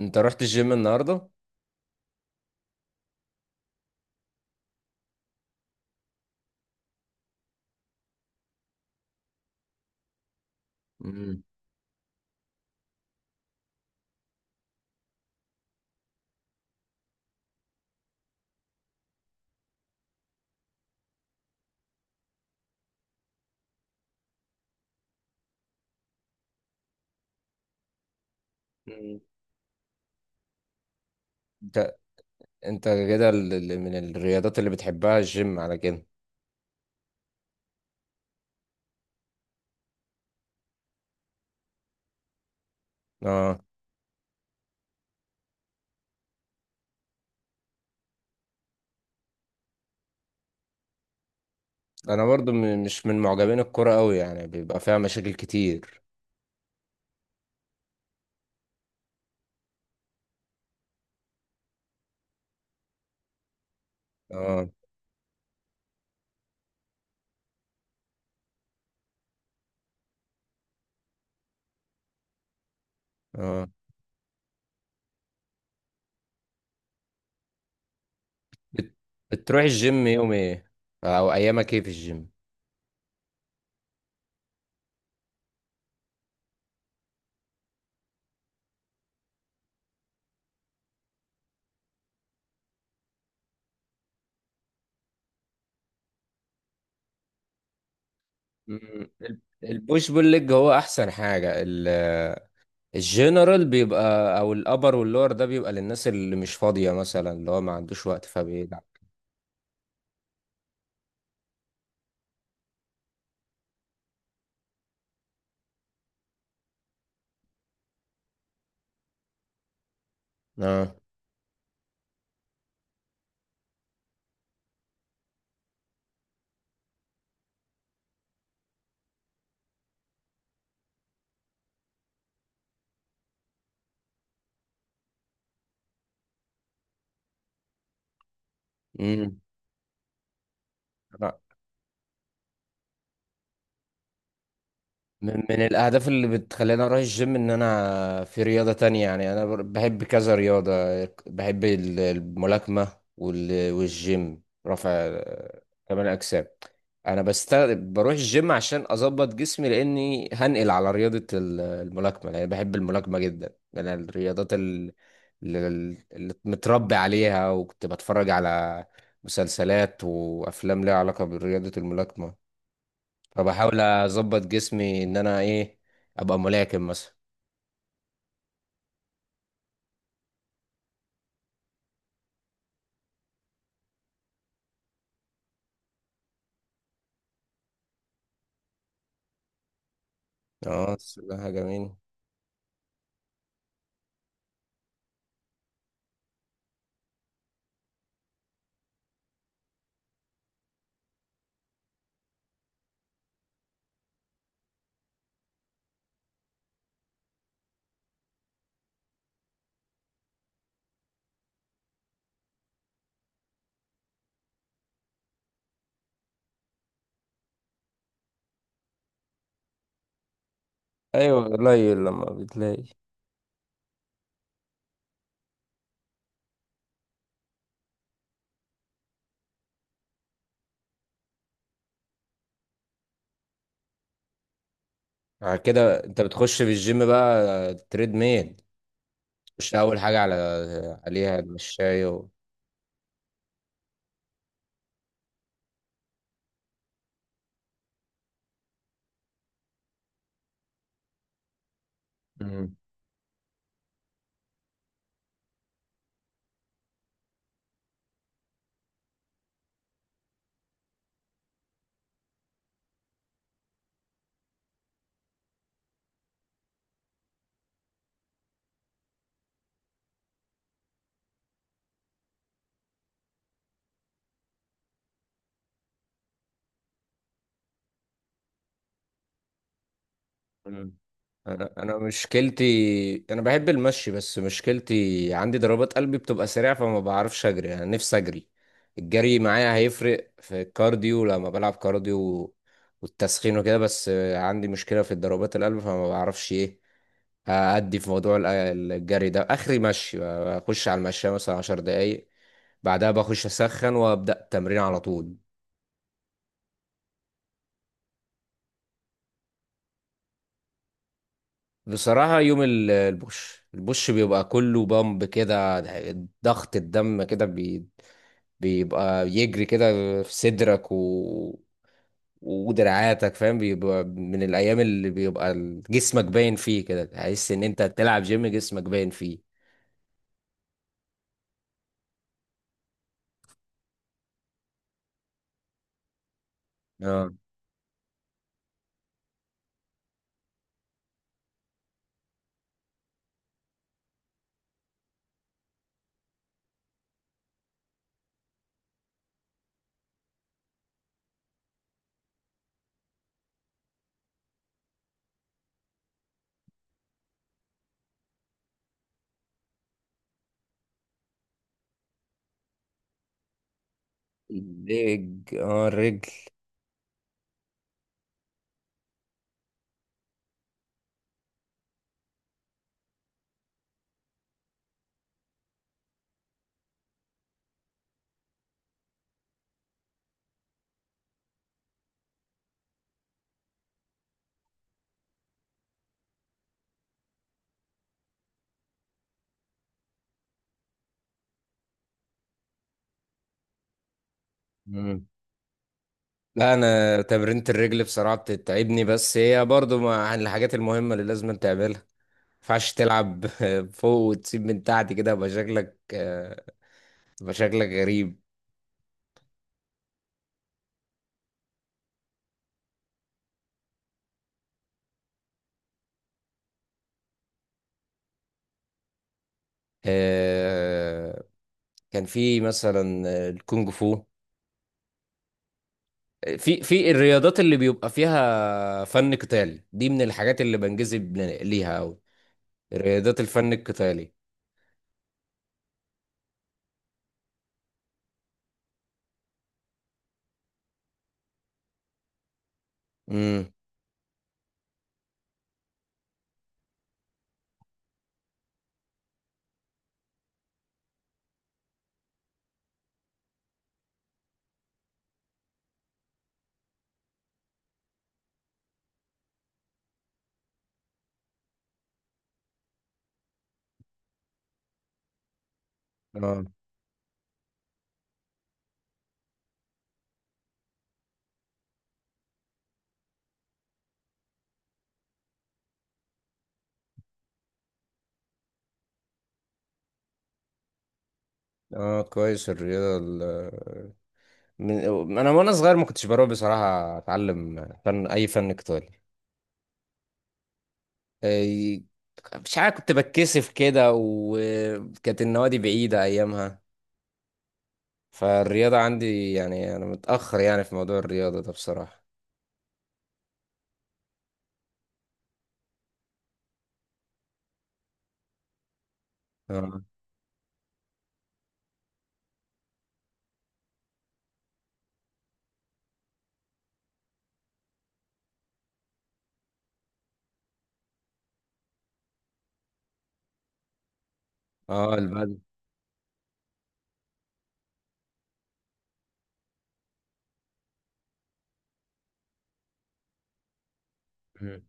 انت رحت الجيم النهارده؟ مم. انت انت كده من الرياضات اللي بتحبها الجيم على كده؟ اه، انا برضو مش من معجبين الكرة قوي، يعني بيبقى فيها مشاكل كتير. اه. اه. بت- بتروح الجيم يوم ايه؟ او ايامك ايه في الجيم؟ مم، البوش بول ليج هو احسن حاجة. الجنرال بيبقى او الابر واللور ده بيبقى للناس اللي مش فاضية مثلا، اللي هو ما عندوش وقت فبيلعب. اه. امم. من من الأهداف اللي بتخليني أروح الجيم إن أنا في رياضة تانية، يعني أنا بحب كذا رياضة. بحب الملاكمة، والجيم رفع كمال الأجسام. أنا بست بروح الجيم عشان أظبط جسمي، لأني هنقل على رياضة الملاكمة، لأن بحب الملاكمة جدا. أنا الرياضات اللي اللي متربي عليها، وكنت بتفرج على مسلسلات وأفلام ليها علاقة برياضة الملاكمة. فبحاول اظبط جسمي ان انا ايه، ابقى ملاكم مثلا. اه، السباحة جميل. ايوه، قليل لما بتلاقي. بعد كده انت بتخش في الجيم بقى تريد ميل؟ تخش اول حاجة على عليها المشاية مم. مم. انا مشكلتي، انا بحب المشي بس مشكلتي عندي ضربات قلبي بتبقى سريعه، فما بعرفش اجري. انا نفسي اجري. الجري معايا هيفرق في الكارديو لما بلعب كارديو والتسخين وكده. بس عندي مشكله في ضربات القلب فما بعرفش ايه ادي في موضوع الجري ده. اخري مشي، اخش على المشاية مثلا عشر دقايق، بعدها بخش اسخن وابدا التمرين على طول. بصراحة يوم البوش بيبقى كله بامب كده، ضغط الدم كده بيبقى يجري كده في صدرك ودراعاتك، فاهم؟ بيبقى من الأيام اللي بيبقى جسمك باين فيه كده، تحس إن أنت تلعب جيم، جسمك باين فيه. اه الرجل، اه الرجل. مم. لا، أنا تمرينة الرجل بصراحة بتتعبني، بس هي برضو عن الحاجات المهمة اللي لازم تعملها. ينفعش تلعب فوق وتسيب من تحت كده؟ يبقى شكلك يبقى شكلك غريب. آه، كان في مثلا الكونج فو. في في الرياضات اللي بيبقى فيها فن قتال دي، من الحاجات اللي بنجذب ليها أوي، رياضات الفن القتالي. امم. اه. اه، كويس الرياضة من انا وانا صغير ما كنتش بروح بصراحة اتعلم فن، اي فن قتالي. إيه، مش عارف، كنت بتكسف كده، وكانت النوادي بعيدة أيامها. فالرياضة عندي يعني أنا متأخر، يعني في موضوع الرياضة ده بصراحة. اه. اه البدن. مم.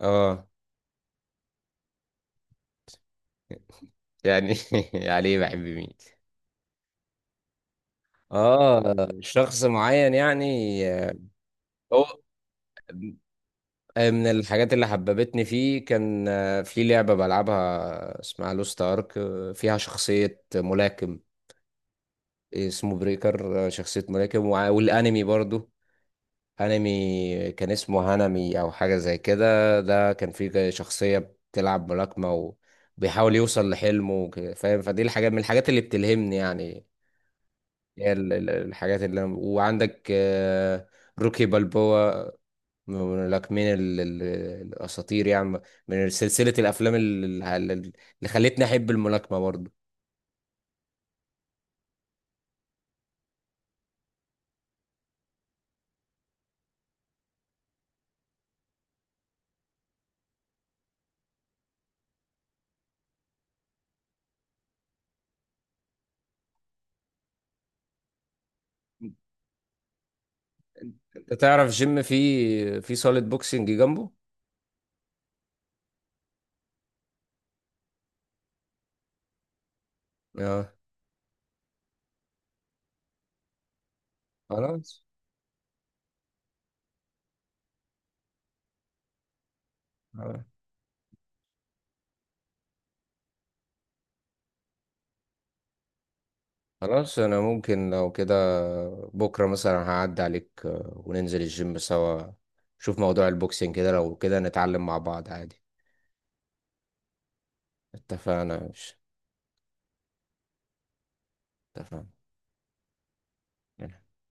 اه. يعني عليه بحب مين. اه شخص معين، يعني هو من الحاجات اللي حببتني فيه كان في لعبة بلعبها اسمها لوست ارك، فيها شخصية ملاكم اسمه بريكر. آه، شخصية ملاكم، والانمي برضو، هانمي، كان اسمه هانمي او حاجة زي كده. ده كان فيه شخصية بتلعب ملاكمة وبيحاول يوصل لحلمه، فاهم؟ فدي الحاجات من الحاجات اللي بتلهمني يعني. هي الحاجات اللي وعندك روكي بالبوا، من الملاكمين الاساطير يعني، من سلسلة الافلام اللي خلتني احب الملاكمة برضه. انت تعرف جيم فيه في صالة بوكسنج جنبه؟ اه. خلاص، خلاص، انا ممكن لو كده بكره مثلا هعدي عليك، وننزل الجيم سوا، شوف موضوع البوكسينج كده، لو كده نتعلم مع بعض عادي. اتفقنا مش اتفقنا؟